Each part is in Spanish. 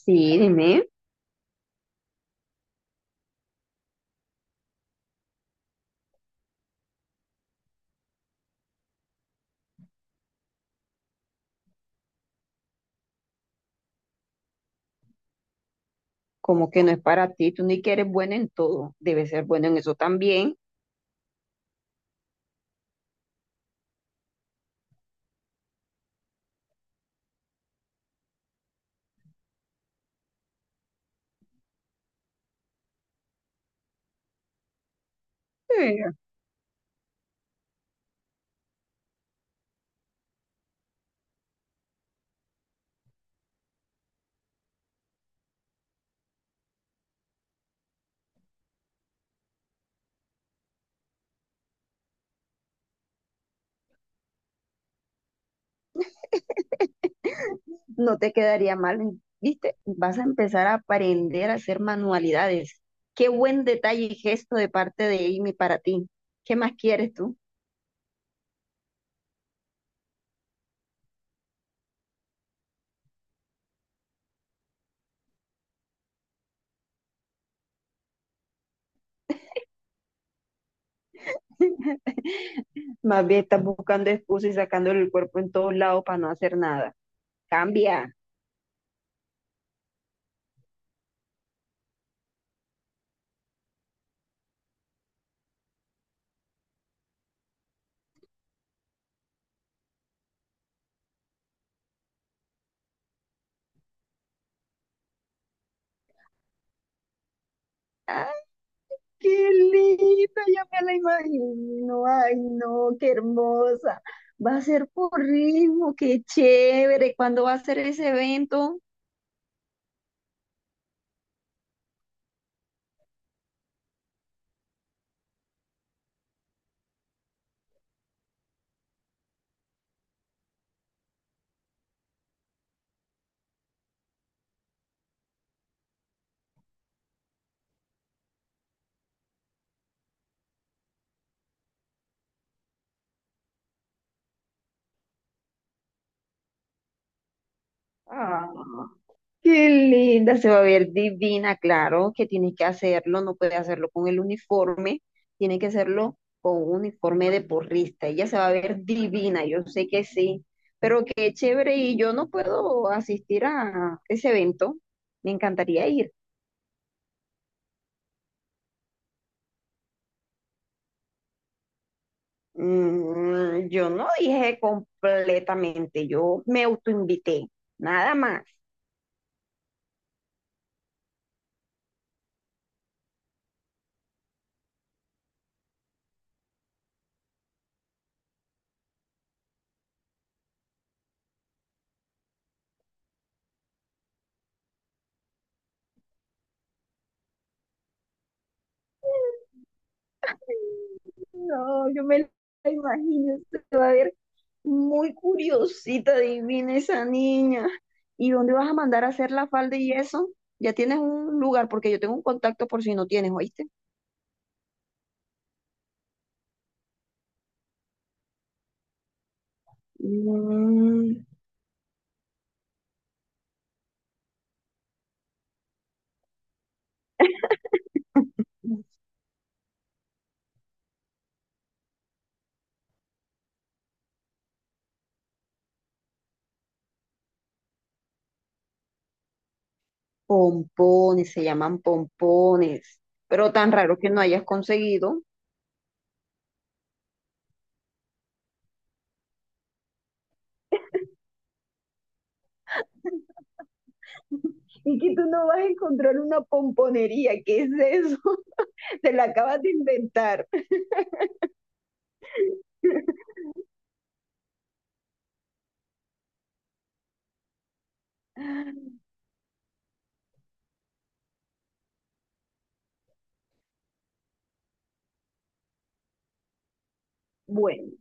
Sí, dime. Como que no es para ti, tú ni que eres buena en todo, debes ser bueno en eso también. Eh, No te quedaría mal, ¿viste? Vas a empezar a aprender a hacer manualidades. Qué buen detalle y gesto de parte de Amy para ti. ¿Qué más quieres tú? Más bien estás buscando excusas y sacándole el cuerpo en todos lados para no hacer nada. Cambia. Qué linda, ya me la imagino. Ay, no, qué hermosa. Va a ser por ritmo, qué chévere. ¿Cuándo va a ser ese evento? Ah, qué linda, se va a ver divina, claro, que tiene que hacerlo, no puede hacerlo con el uniforme, tiene que hacerlo con un uniforme de porrista. Ella se va a ver divina, yo sé que sí, pero qué chévere y yo no puedo asistir a ese evento. Me encantaría ir. Yo no dije completamente, yo me autoinvité, nada más. No, yo me la imagino, se va a ver muy curiosita, divina esa niña. ¿Y dónde vas a mandar a hacer la falda y eso? Ya tienes un lugar, porque yo tengo un contacto por si no tienes, ¿oíste? Mm, Pompones, se llaman pompones, pero tan raro que no hayas conseguido. Y que tú no vas a encontrar una pomponería, ¿qué es eso? Te la acabas de inventar. Bueno,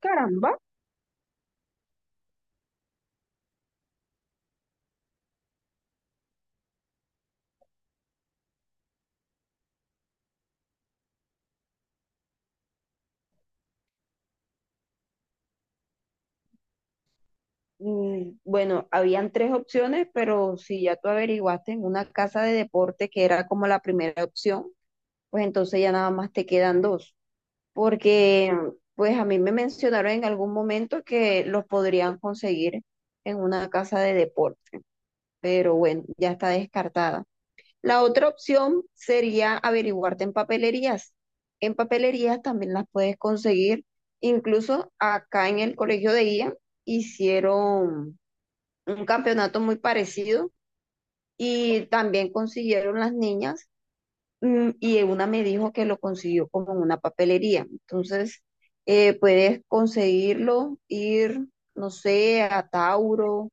caramba. Bueno, habían tres opciones, pero si ya tú averiguaste en una casa de deporte que era como la primera opción, pues entonces ya nada más te quedan dos. Porque pues a mí me mencionaron en algún momento que los podrían conseguir en una casa de deporte, pero bueno, ya está descartada. La otra opción sería averiguarte en papelerías. En papelerías también las puedes conseguir. Incluso acá en el colegio de IA hicieron un campeonato muy parecido y también consiguieron las niñas y una me dijo que lo consiguió como en una papelería. Entonces, puedes conseguirlo, ir, no sé, a Tauro,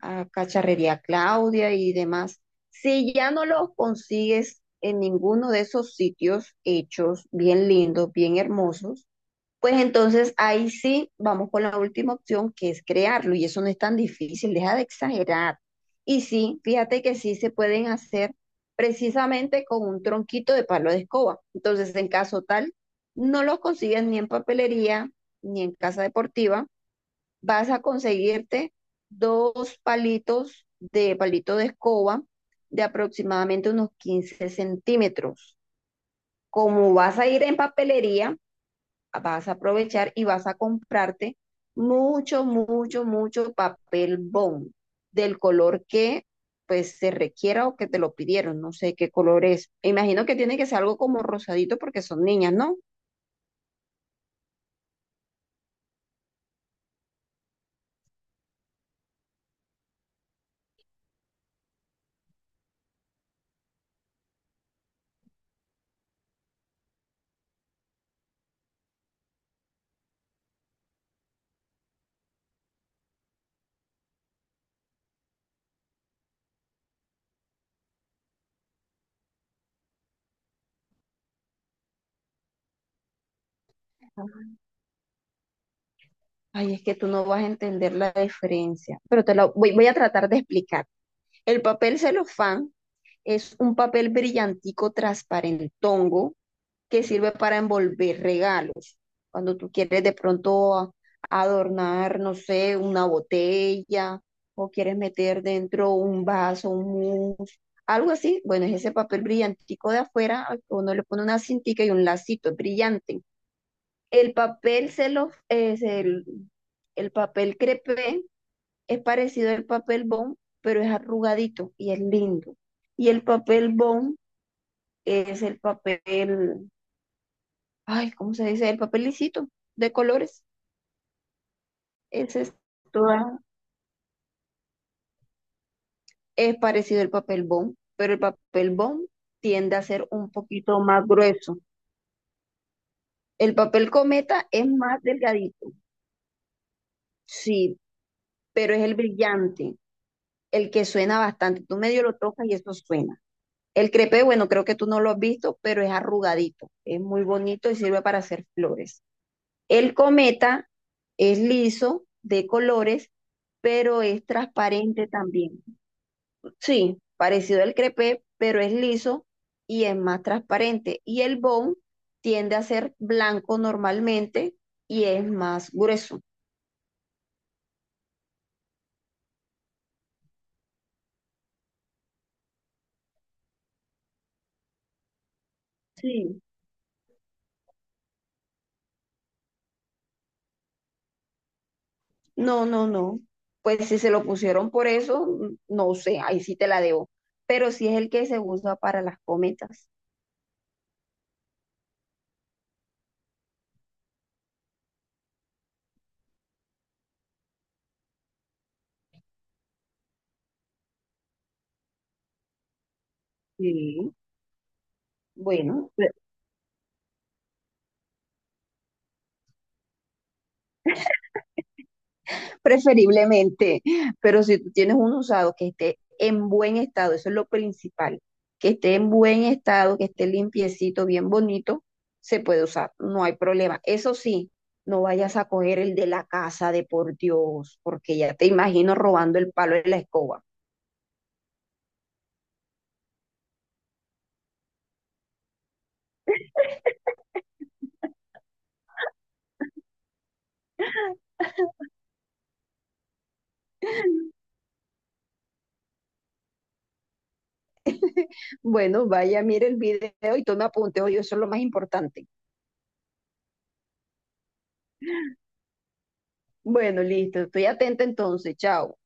a Cacharrería Claudia y demás. Si ya no los consigues en ninguno de esos sitios hechos bien lindos, bien hermosos, pues entonces ahí sí vamos con la última opción que es crearlo y eso no es tan difícil, deja de exagerar. Y sí, fíjate que sí se pueden hacer precisamente con un tronquito de palo de escoba. Entonces, en caso tal, no los consigues ni en papelería, ni en casa deportiva, vas a conseguirte dos palitos de palito de escoba de aproximadamente unos 15 centímetros. Como vas a ir en papelería, vas a aprovechar y vas a comprarte mucho, mucho, mucho papel bond del color que pues se requiera o que te lo pidieron. No sé qué color es. Imagino que tiene que ser algo como rosadito porque son niñas, ¿no? Ay, es que tú no vas a entender la diferencia, pero te lo voy a tratar de explicar. El papel celofán es un papel brillantico transparentongo que sirve para envolver regalos. Cuando tú quieres de pronto adornar, no sé, una botella o quieres meter dentro un vaso, un mousse, algo así, bueno, es ese papel brillantico de afuera, al que uno le pone una cintica y un lacito es brillante. El papel celo, es el, el papel crepé es parecido al papel bond, pero es arrugadito y es lindo. Y el papel bond es el papel, ay, ¿cómo se dice? El papel lisito de colores. Ese es, toda- es parecido al papel bond, pero el papel bond tiende a ser un poquito más grueso. El papel cometa es más delgadito, sí, pero es el brillante, el que suena bastante. Tú medio lo tocas y eso suena. El crepé, bueno, creo que tú no lo has visto, pero es arrugadito, es muy bonito y sirve para hacer flores. El cometa es liso, de colores, pero es transparente también. Sí, parecido al crepé pero es liso y es más transparente. Y el bone tiende a ser blanco normalmente y es más grueso. Sí. No, no, no. Pues si se lo pusieron por eso, no sé, ahí sí te la debo. Pero sí es el que se usa para las cometas. Sí, bueno, preferiblemente, pero si tú tienes un usado que esté en buen estado, eso es lo principal, que esté en buen estado, que esté limpiecito, bien bonito, se puede usar, no hay problema. Eso sí, no vayas a coger el de la casa, de por Dios, porque ya te imagino robando el palo de la escoba. Bueno, vaya, mire el video y toma apuntes, oye, eso es lo más importante. Bueno, listo, estoy atenta entonces, chao.